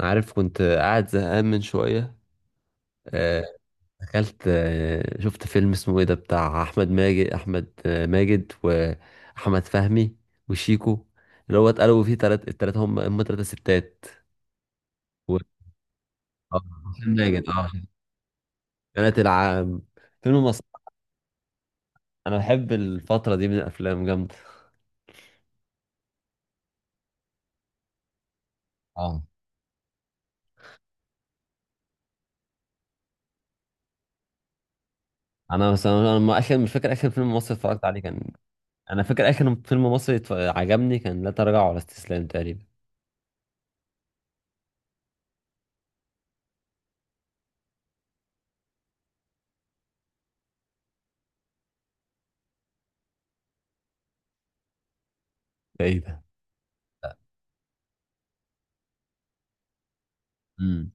عارف، كنت قاعد زهقان من شوية. آه، دخلت، شفت فيلم اسمه ايه ده، بتاع أحمد ماجد أحمد ماجد، وأحمد فهمي وشيكو، اللي هو اتقلبوا فيه تلات التلاتة، هم تلاتة ستات. و آه، أحمد ماجد، بنات العام، فيلم مصري. أنا بحب الفترة دي من الأفلام، جامدة. اه. أنا مثلا آخر، مش فاكر آخر فيلم مصري اتفرجت عليه كان. أنا فاكر آخر فيلم مصري عجبني كان لا تراجع ولا استسلام تقريبا. ده ايه ده؟ امم.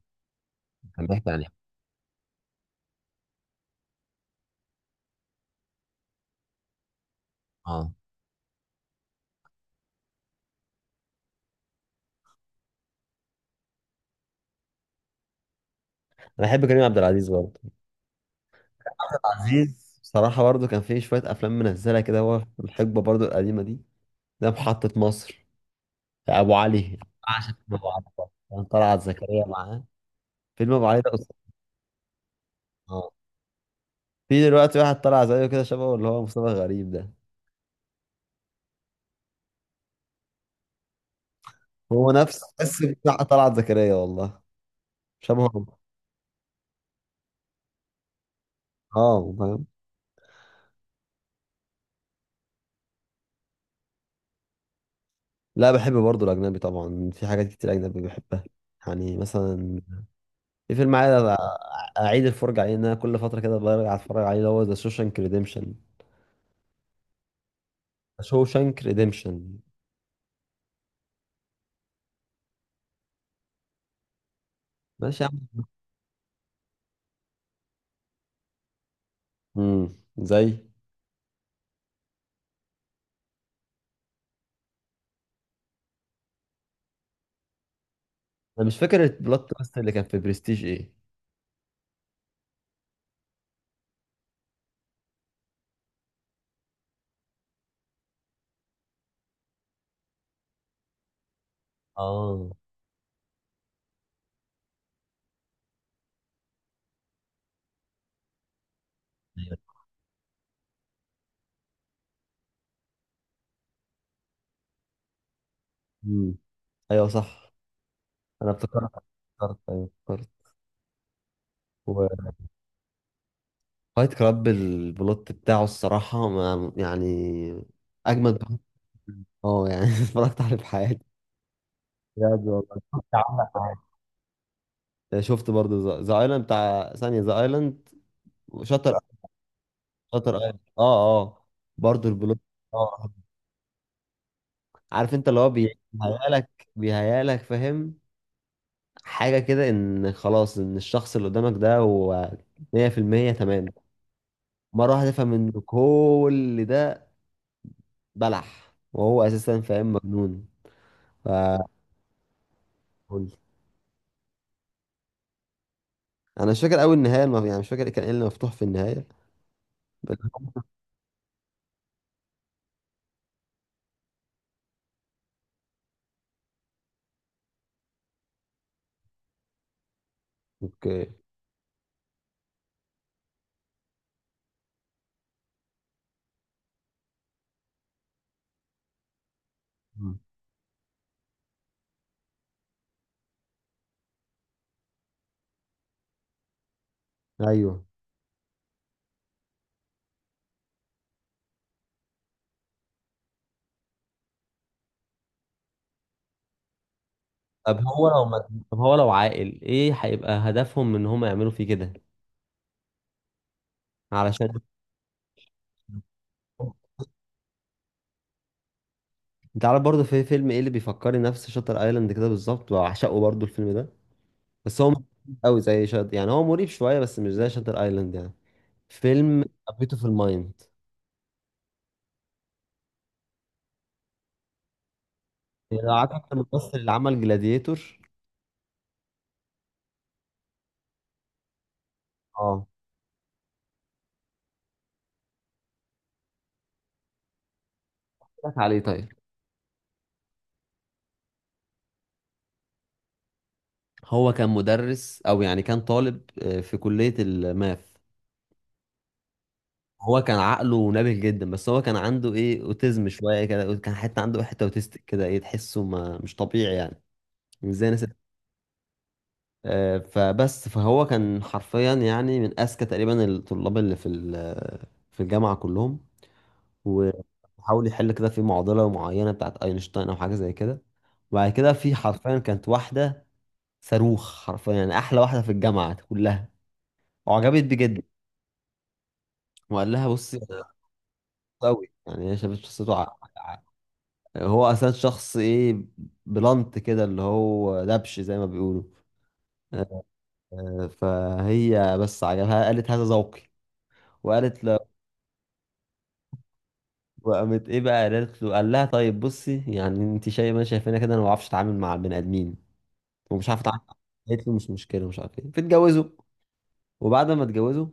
كان بيحكي عن ايه؟ اه. انا بحب كريم عبد العزيز برضه. عزيز بصراحه برضه كان فيه شويه افلام منزله كده هو في الحقبه برضه القديمه دي. ده محطه مصر، ابو علي. عشان ابو علي ده كان طلعت زكريا معاه. فيلم ابو علي ده أسطورة. اه. في دلوقتي واحد طلع زيه كده، شبهه، اللي هو مصطفى غريب ده. هو نفس بس بتاع طلعت زكريا والله. شبهه. اه، فاهم. لا، بحب برضه الاجنبي طبعا، في حاجات كتير اجنبي بحبها. يعني مثلا، في فيلم عايز اعيد الفرجه عليه، ان انا كل فتره كده برجع اتفرج عليه، اللي هو ذا شوشانك ريديمشن. شوشانك ريديمشن ماشي يا عم. امم. زي. انا مش فاكر البلوت تويست اللي كان في برستيج ايه. اه، ايوه. امم. ايوه، صح. انا افتكرت. ايوه، افتكرت. وفايت كلاب، البلوت بتاعه الصراحه، ما يعني، اجمد بلوت. اه، يعني اتفرجت عليه في حياتي. بجد والله، شفت عندك حاجة. شفت برضه ذا ايلاند، بتاع ثانيه ذا ايلاند. وشاتر، شاتر ايلاند، اه اه. برضو البلوت. اه، عارف انت، اللي هو بيهيالك، فاهم، حاجة كده، ان خلاص، ان الشخص اللي قدامك ده هو 100% تمام. مرة واحدة تفهم ان كل ده بلح، وهو اساسا فاهم، مجنون. ف. انا مش فاكر قوي النهاية يعني مش فاكر كان ايه اللي مفتوح في النهاية. بس. اوكي. مم. ايوه. طب هو لو ما... طب هو لو عاقل، ايه هيبقى هدفهم من ان هم يعملوا فيه كده، علشان. انت عارف برضه في فيلم ايه اللي بيفكرني نفس شاتر ايلاند كده بالظبط، وعشقه برضه الفيلم ده. بس هو مش قوي زي شاتر يعني، هو مريب شويه بس مش زي شاتر ايلاند يعني. فيلم في المايند. لو عارف الممثل اللي عمل جلاديتور. اه. قلت لك عليه طيب. هو كان مدرس او يعني كان طالب في كليه الماث. هو كان عقله نابه جدا، بس هو كان عنده ايه اوتيزم شويه كده، كان حتى عنده حته اوتيستيك كده، ايه، تحسه ما مش طبيعي يعني، ازاي ناس. فبس فهو كان حرفيا يعني من اذكى تقريبا الطلاب اللي في في الجامعه كلهم. وحاول يحل كده في معضله معينه بتاعت اينشتاين او حاجه زي كده. وبعد كده، في حرفيا كانت واحده صاروخ، حرفيا يعني احلى واحده في الجامعه كلها، وعجبت بيه جدا. وقال لها بصي، أنا قوي يعني، هي شافت شخصيته هو اصلا شخص ايه، بلانت كده، اللي هو دبش زي ما بيقولوا. فهي بس عجبها، قالت هذا ذوقي. وقالت. وقامت ايه بقى، قالت له، قال لها طيب بصي، يعني انت شايفه ما شايفانا كده، انا ما بعرفش اتعامل مع البني ادمين، ومش عارف اتعامل. قالت له مش مشكله، مش عارف ايه، فاتجوزوا. وبعد ما اتجوزوا،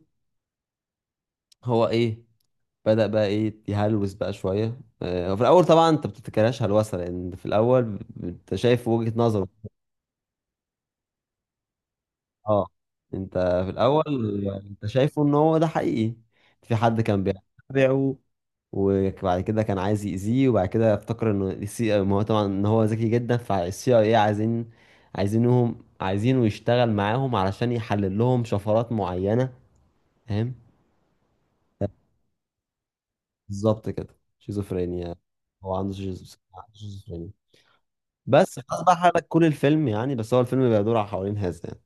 هو ايه، بدأ بقى ايه يهلوس بقى شويه. وفي الاول طبعا انت بتفتكرهاش هلوسه، لان في الاول انت شايف وجهه نظره. اه. انت في الاول، انت شايفه ان هو ده حقيقي. في حد كان بيتابعه، وبعد كده كان عايز يأذيه، وبعد كده افتكر انه السي ما هو طبعا ان هو ذكي جدا، فالسي اي اي عايزين، عايزينهم، عايزينه يشتغل معاهم علشان يحلل لهم شفرات معينة. فاهم. بالظبط كده، شيزوفرينيا. هو عنده عنده شيزوفرينيا. بس خلاص بقى، حرق كل الفيلم يعني، بس هو الفيلم بيدور على حوالين هذا يعني.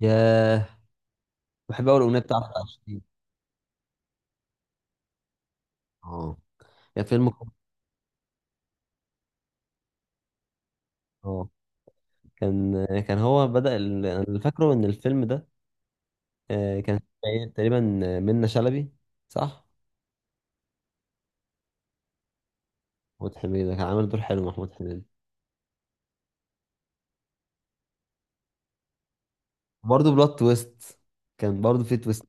ياه. بحب اول الاغنيه بتاعت 20. اه، يا فيلم. اه. كان، هو بدأ انا اللي فاكره ان الفيلم ده كان فيه تقريبا منة شلبي، صح. محمود حميدة كان عامل دور حلو، محمود حميدة. برضه بلوت تويست، كان برضه في تويست.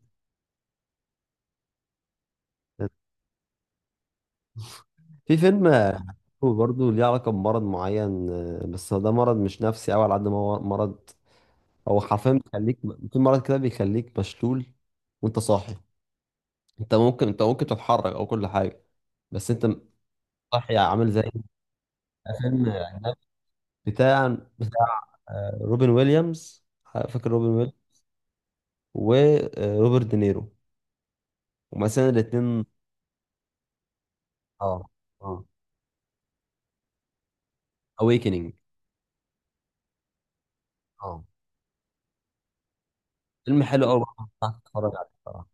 في فيلم برضه ليه علاقة بمرض معين، بس هو ده مرض مش نفسي أوي على قد ما هو مرض. هو حرفيا بيخليك، في مرض كده بيخليك مشلول وأنت صاحي. أنت ممكن، تتحرك أو كل حاجة، بس أنت صاحي، عامل زي. فيلم بتاع بتاع روبن ويليامز. فاكر روبن ويليامز وروبرت دينيرو، ومثلا الاثنين. اه. اه. اويكننج. اه. فيلم حلو قوي برضه، هتفرج عليه بصراحة.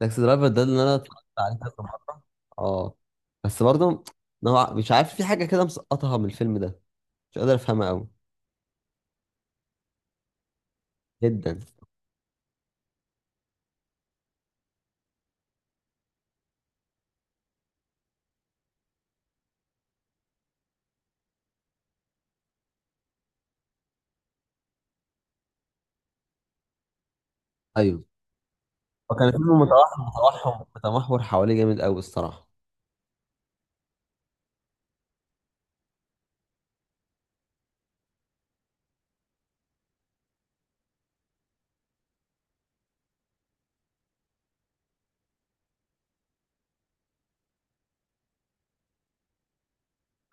تاكسي درايفر ده اللي انا اتفرجت عليه كذا مره. اه، بس برضه نوع، مش عارف، في حاجه كده مسقطها من الفيلم ده، مش قادر افهمها قوي. جدا. ايوه. وكان فيلم متوحم متوحم متمحور حواليه جامد قوي الصراحه.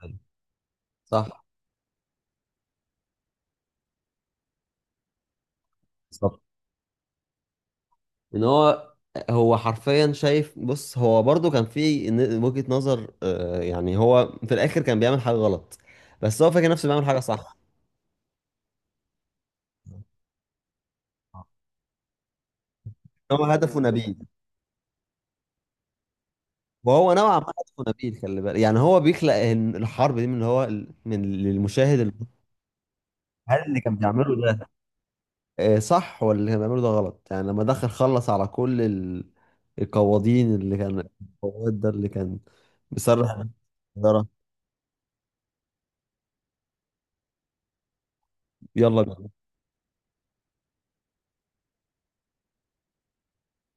أيوة. صح. بالظبط. ان هو، هو حرفيا شايف، بص هو برضه كان في وجهة نظر، يعني هو في الاخر كان بيعمل حاجة غلط، بس هو فاكر نفسه بيعمل حاجة صح. إن هو هدفه نبيل، وهو نوعا ما هدفه نبيل، خلي بالك، يعني هو بيخلق إن الحرب دي من هو، من للمشاهد هل اللي كان بيعمله ده صح، ولا اللي كان بيعمله ده غلط، يعني لما دخل خلص على كل القواضين اللي كان، القواد ده اللي كان بيصرح بالسيارة. يلا بينا.